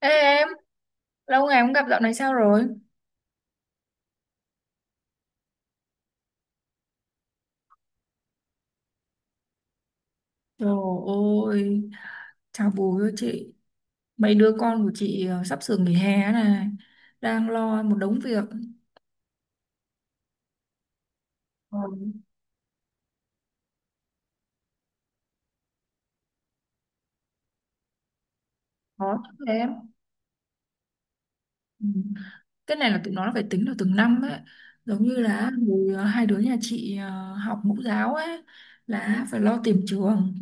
Ê em, lâu ngày không gặp dạo này sao rồi? Trời ơi, chào bùi ơi chị. Mấy đứa con của chị sắp sửa nghỉ hè này, đang lo một đống việc. Ừ, khó lắm em. Ừ. Cái này là tụi nó phải tính được từng năm ấy. Giống như là hồi, hai đứa nhà chị học mẫu giáo ấy, là phải lo tìm trường,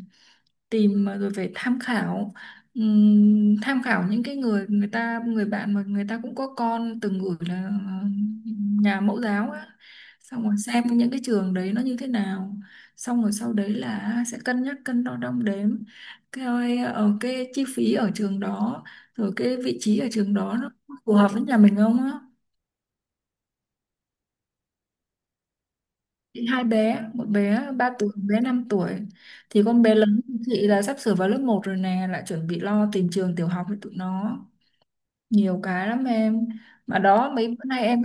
tìm mà rồi phải tham khảo, tham khảo những cái người người ta, người bạn mà người ta cũng có con từng gửi là nhà mẫu giáo á, xong rồi xem những cái trường đấy nó như thế nào, xong rồi sau đấy là sẽ cân nhắc, cân đo đong đếm cái ở cái chi phí ở trường đó, rồi cái vị trí ở trường đó nó phù hợp với nhà mình không á. Hai bé, một bé 3 tuổi, một bé 5 tuổi, thì con bé lớn của chị là sắp sửa vào lớp một rồi nè, lại chuẩn bị lo tìm trường tiểu học cho tụi nó. Nhiều cái lắm em, mà đó mấy bữa nay em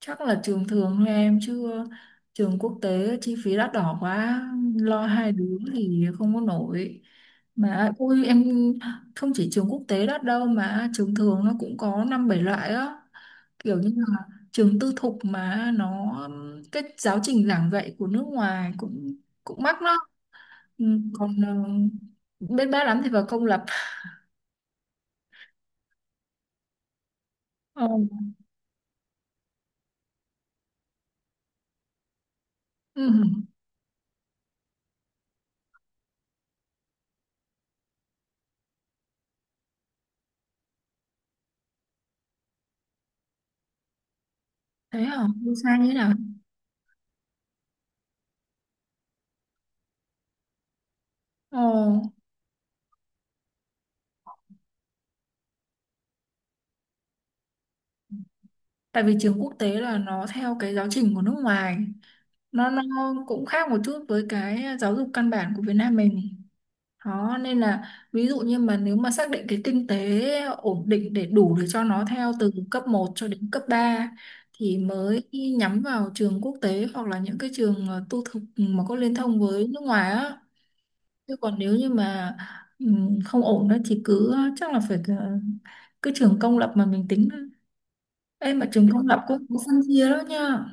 chắc là trường thường thôi em, chứ trường quốc tế chi phí đắt đỏ quá, lo hai đứa thì không có nổi. Mà ui em, không chỉ trường quốc tế đắt đâu mà trường thường nó cũng có năm bảy loại á, kiểu như là trường tư thục mà nó cái giáo trình giảng dạy của nước ngoài cũng cũng mắc đó. Ừ, còn bên ba lắm thì vào công lập. Ồ, ừ, thế hả? Đi sai như thế nào? Ồ, tại vì trường quốc tế là nó theo cái giáo trình của nước ngoài, nó cũng khác một chút với cái giáo dục căn bản của Việt Nam mình. Đó, nên là ví dụ như mà nếu mà xác định cái kinh tế ổn định để đủ để cho nó theo từ cấp một cho đến cấp 3 thì mới nhắm vào trường quốc tế, hoặc là những cái trường tư thục mà có liên thông với nước ngoài á. Chứ còn nếu như mà không ổn đó thì cứ chắc là phải cứ trường công lập mà mình tính. Em mà trường công lập cũng có phân chia đó nha.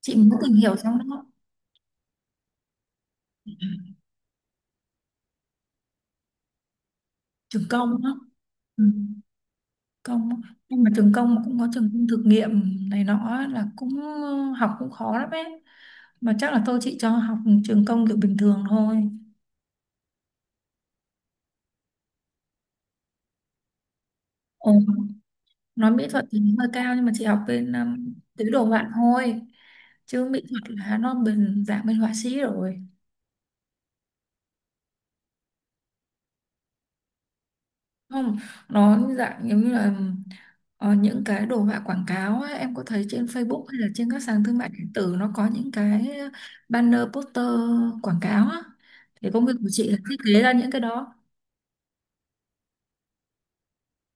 Chị mới tìm hiểu xong đó, trường công đó. Ừ, công á. Nhưng mà trường công cũng có trường công thực nghiệm này nọ á, là cũng học cũng khó lắm ấy, mà chắc là chị cho học trường công kiểu bình thường thôi. Ồ, nói mỹ thuật thì nó hơi cao, nhưng mà chị học bên tứ đồ họa thôi, chứ mỹ thuật là nó bên dạng bên họa sĩ rồi. Không, nó dạng giống như là những cái đồ họa quảng cáo á, em có thấy trên Facebook hay là trên các sàn thương mại điện tử nó có những cái banner poster quảng cáo á. Thì công việc của chị là thiết kế ra những cái đó.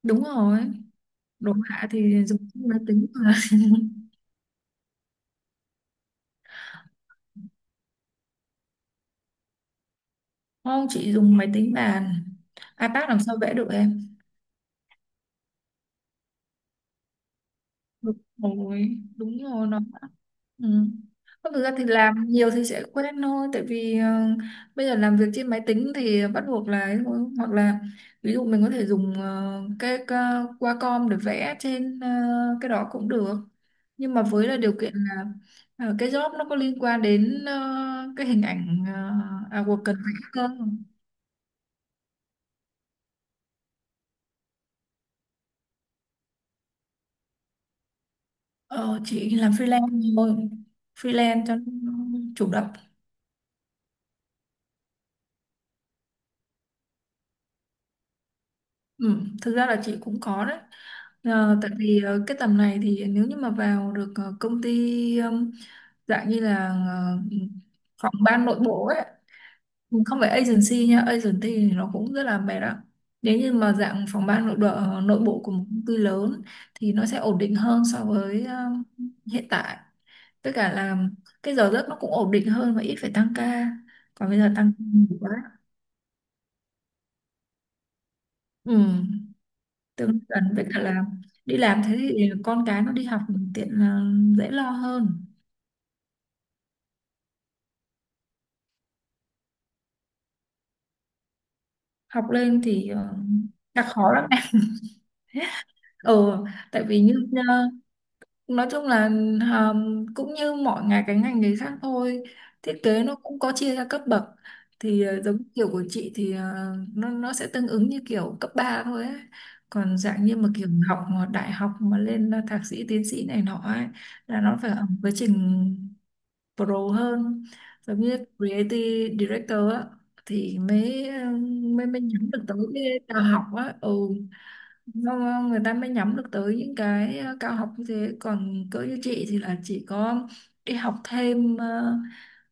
Đúng rồi, đồ họa thì dùng máy tính mà. Không, chị dùng máy tính bàn, iPad làm sao vẽ được em. Đúng rồi nó, ừ. Còn thực ra thì làm nhiều thì sẽ quen thôi, tại vì bây giờ làm việc trên máy tính thì bắt buộc là ấy thôi. Hoặc là ví dụ mình có thể dùng cái Wacom để vẽ trên cái đó cũng được, nhưng mà với là điều kiện là cái job nó có liên quan đến cái hình ảnh cần vẽ cơ. Ờ, chị làm freelance thôi, freelance cho nó chủ động. Ừ, thực ra là chị cũng có đấy. Tại vì cái tầm này thì nếu như mà vào được công ty dạng như là phòng ban nội bộ ấy, không phải agency nha, agency thì nó cũng rất là mệt đó. Nếu như mà dạng phòng ban nội bộ nội bộ của một công ty lớn thì nó sẽ ổn định hơn so với hiện tại, với cả là cái giờ giấc nó cũng ổn định hơn và ít phải tăng ca, còn bây giờ tăng ca nhiều quá. Ừ, tương gần với cả là đi làm thế thì con cái nó đi học tiện, là dễ lo hơn. Học lên thì đã khó lắm em. Ừ, tại vì như ờ, nói chung là ờ, cũng như mọi ngành, cái ngành nghề khác thôi, thiết kế nó cũng có chia ra cấp bậc, thì giống kiểu của chị thì nó sẽ tương ứng như kiểu cấp 3 thôi ấy. Còn dạng như mà kiểu học mà đại học mà lên thạc sĩ tiến sĩ này nọ ấy là nó phải ở một quá trình pro hơn, giống như creative director á, thì mới mới mới nhắm được tới cái cao học á. Ừ, nó, người ta mới nhắm được tới những cái cao học như thế, còn cỡ như chị thì là chỉ có đi học thêm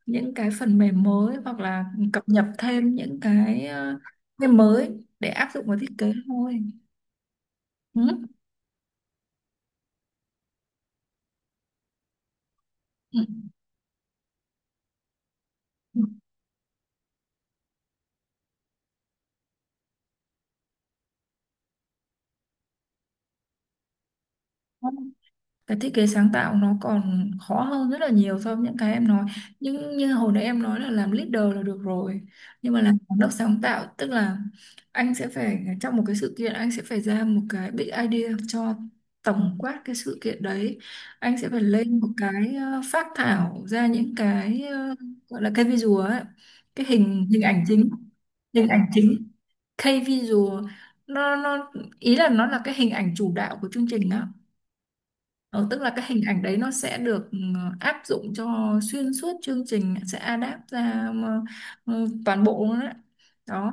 những cái phần mềm mới, hoặc là cập nhật thêm những cái cái mới để áp dụng vào thiết kế thôi. Ừ. Ừ. Ừ. Cái thiết kế sáng tạo nó còn khó hơn rất là nhiều so với những cái em nói, nhưng như hồi nãy em nói là làm leader là được rồi, nhưng mà làm giám đốc sáng tạo tức là anh sẽ phải trong một cái sự kiện anh sẽ phải ra một cái big idea cho tổng quát cái sự kiện đấy. Anh sẽ phải lên một cái phác thảo ra những cái gọi là cái visual ấy, cái hình hình ảnh chính, hình ảnh chính, K visual, nó ý là nó là cái hình ảnh chủ đạo của chương trình đó. Ờ, tức là cái hình ảnh đấy nó sẽ được áp dụng cho xuyên suốt chương trình, sẽ adapt ra ừ, toàn bộ luôn đấy. Đó,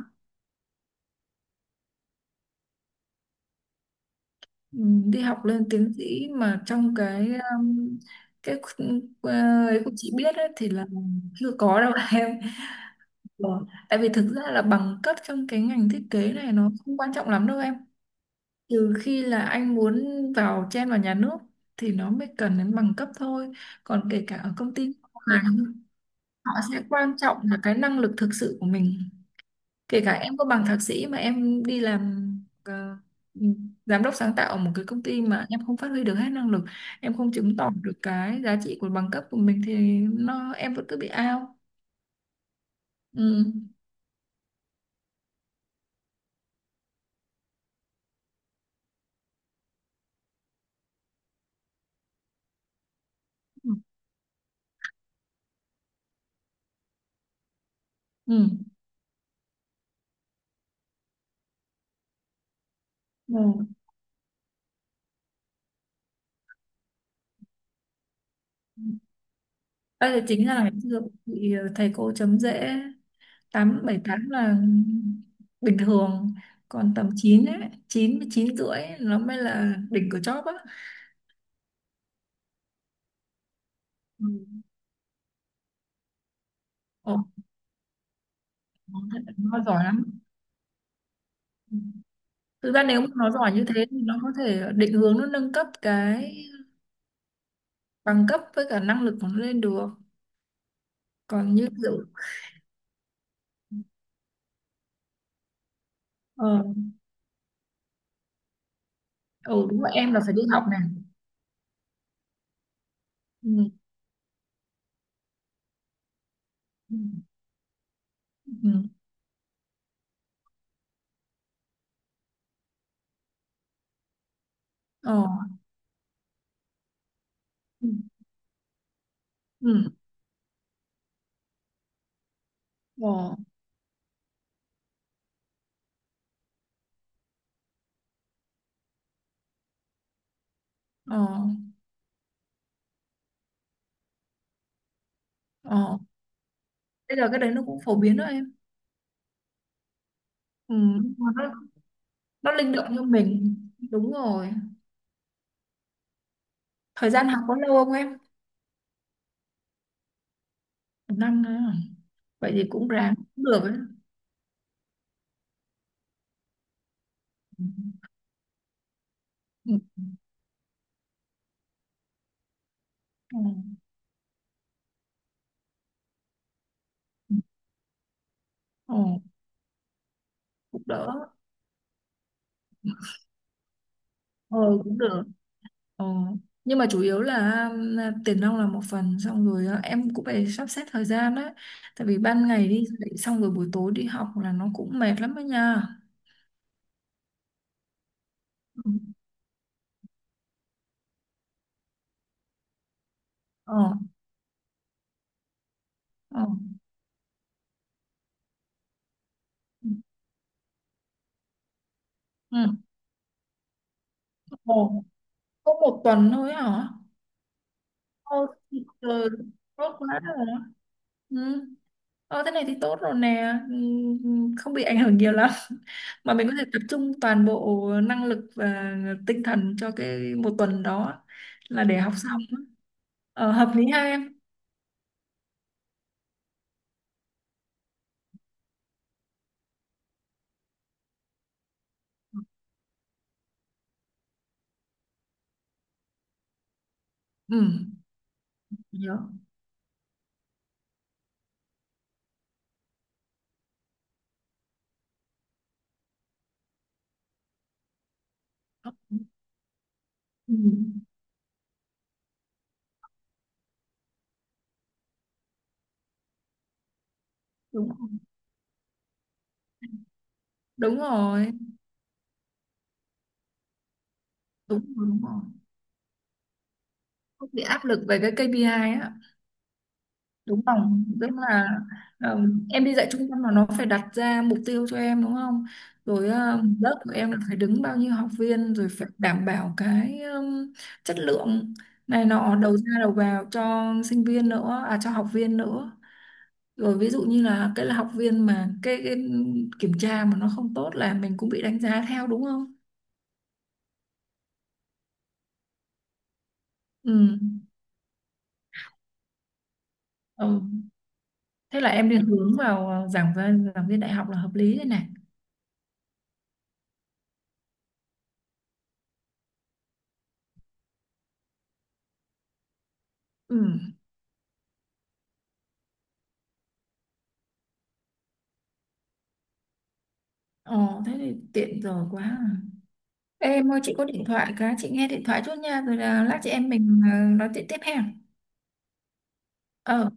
ừ, đi học lên tiến sĩ mà trong cái um, cái khu- ờ, ấy của chị biết ấy, thì là chưa có đâu em. Ờ, tại vì thực ra là bằng cấp trong cái ngành thiết kế này nó không quan trọng lắm đâu em. Trừ khi là anh muốn vào, chen vào nhà nước thì nó mới cần đến bằng cấp thôi. Còn kể cả ở công ty họ sẽ quan trọng là cái năng lực thực sự của mình. Kể cả em có bằng thạc sĩ mà em đi làm ờ, giám đốc sáng tạo ở một cái công ty mà em không phát huy được hết năng lực, em không chứng tỏ được cái giá trị của bằng cấp của mình thì nó em vẫn cứ bị out. Ừ. Ừ. Ừ. Ừ. Đây là chính là ngày xưa bị thầy cô chấm dễ, 8 7 8 là bình thường, còn tầm 9 ấy, 9 9 rưỡi ấy, nó mới là đỉnh của chóp á. Ừ. Ồ. Nó thật là nó giỏi lắm. Thực ra nếu mà nó giỏi như thế thì nó có thể định hướng nó nâng cấp cái bằng cấp với cả năng lực của nó lên được. Còn như kiểu ờ, ừ, đúng rồi em là phải đi học này. Ừ. Ừ. Ừ. Ờ. Ừ. Ừ. Ờ. Ờ. Ờ. Bây giờ cái đấy nó cũng phổ biến đó em. Ừ. Mà nó linh động như mình. Đúng rồi. Thời gian học có lâu không em? Một năm nữa à? Vậy thì cũng ráng cũng được ấy. Ừ. Ừ. Ừ. Ừ. Ừ, cũng đỡ. Ờ, cũng được. Ờ, nhưng mà chủ yếu là tiền nong là một phần, xong rồi em cũng phải sắp xếp thời gian đấy, tại vì ban ngày đi dạy xong rồi buổi tối đi học là nó cũng mệt lắm đó nha. Ừ. Ờ. Ờ. Ừ. Ừ. Ồ, có một tuần thôi hả? Ô, thì trời, tốt quá rồi đó. Ừ. Ờ, thế này thì tốt rồi nè. Ừ, ừ, không bị ảnh hưởng nhiều lắm. Mà mình có thể tập trung toàn bộ năng lực và tinh thần cho cái một tuần đó là để học xong á. Hợp lý ha em. Ừ, nhớ. Ừ. Đúng rồi. Đúng rồi, đúng rồi, đúng rồi, không bị áp lực về cái KPI á, đúng không, tức là em đi dạy trung tâm là nó phải đặt ra mục tiêu cho em đúng không, rồi lớp của em là phải đứng bao nhiêu học viên, rồi phải đảm bảo cái chất lượng này nọ, đầu ra đầu vào cho sinh viên nữa, à cho học viên nữa, rồi ví dụ như là cái là học viên mà cái kiểm tra mà nó không tốt là mình cũng bị đánh giá theo, đúng không. Ừ. Ừ. Thế là em đi hướng vào giảng viên, giảng viên đại học là hợp lý đây này. Ừ. Ồ, thế thì tiện rồi quá à. Ê, em ơi, chị có điện thoại cái, chị nghe điện thoại chút nha, rồi là lát chị em mình nói chuyện tiếp ha. Ờ,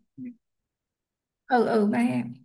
ừ, ừ, ba em.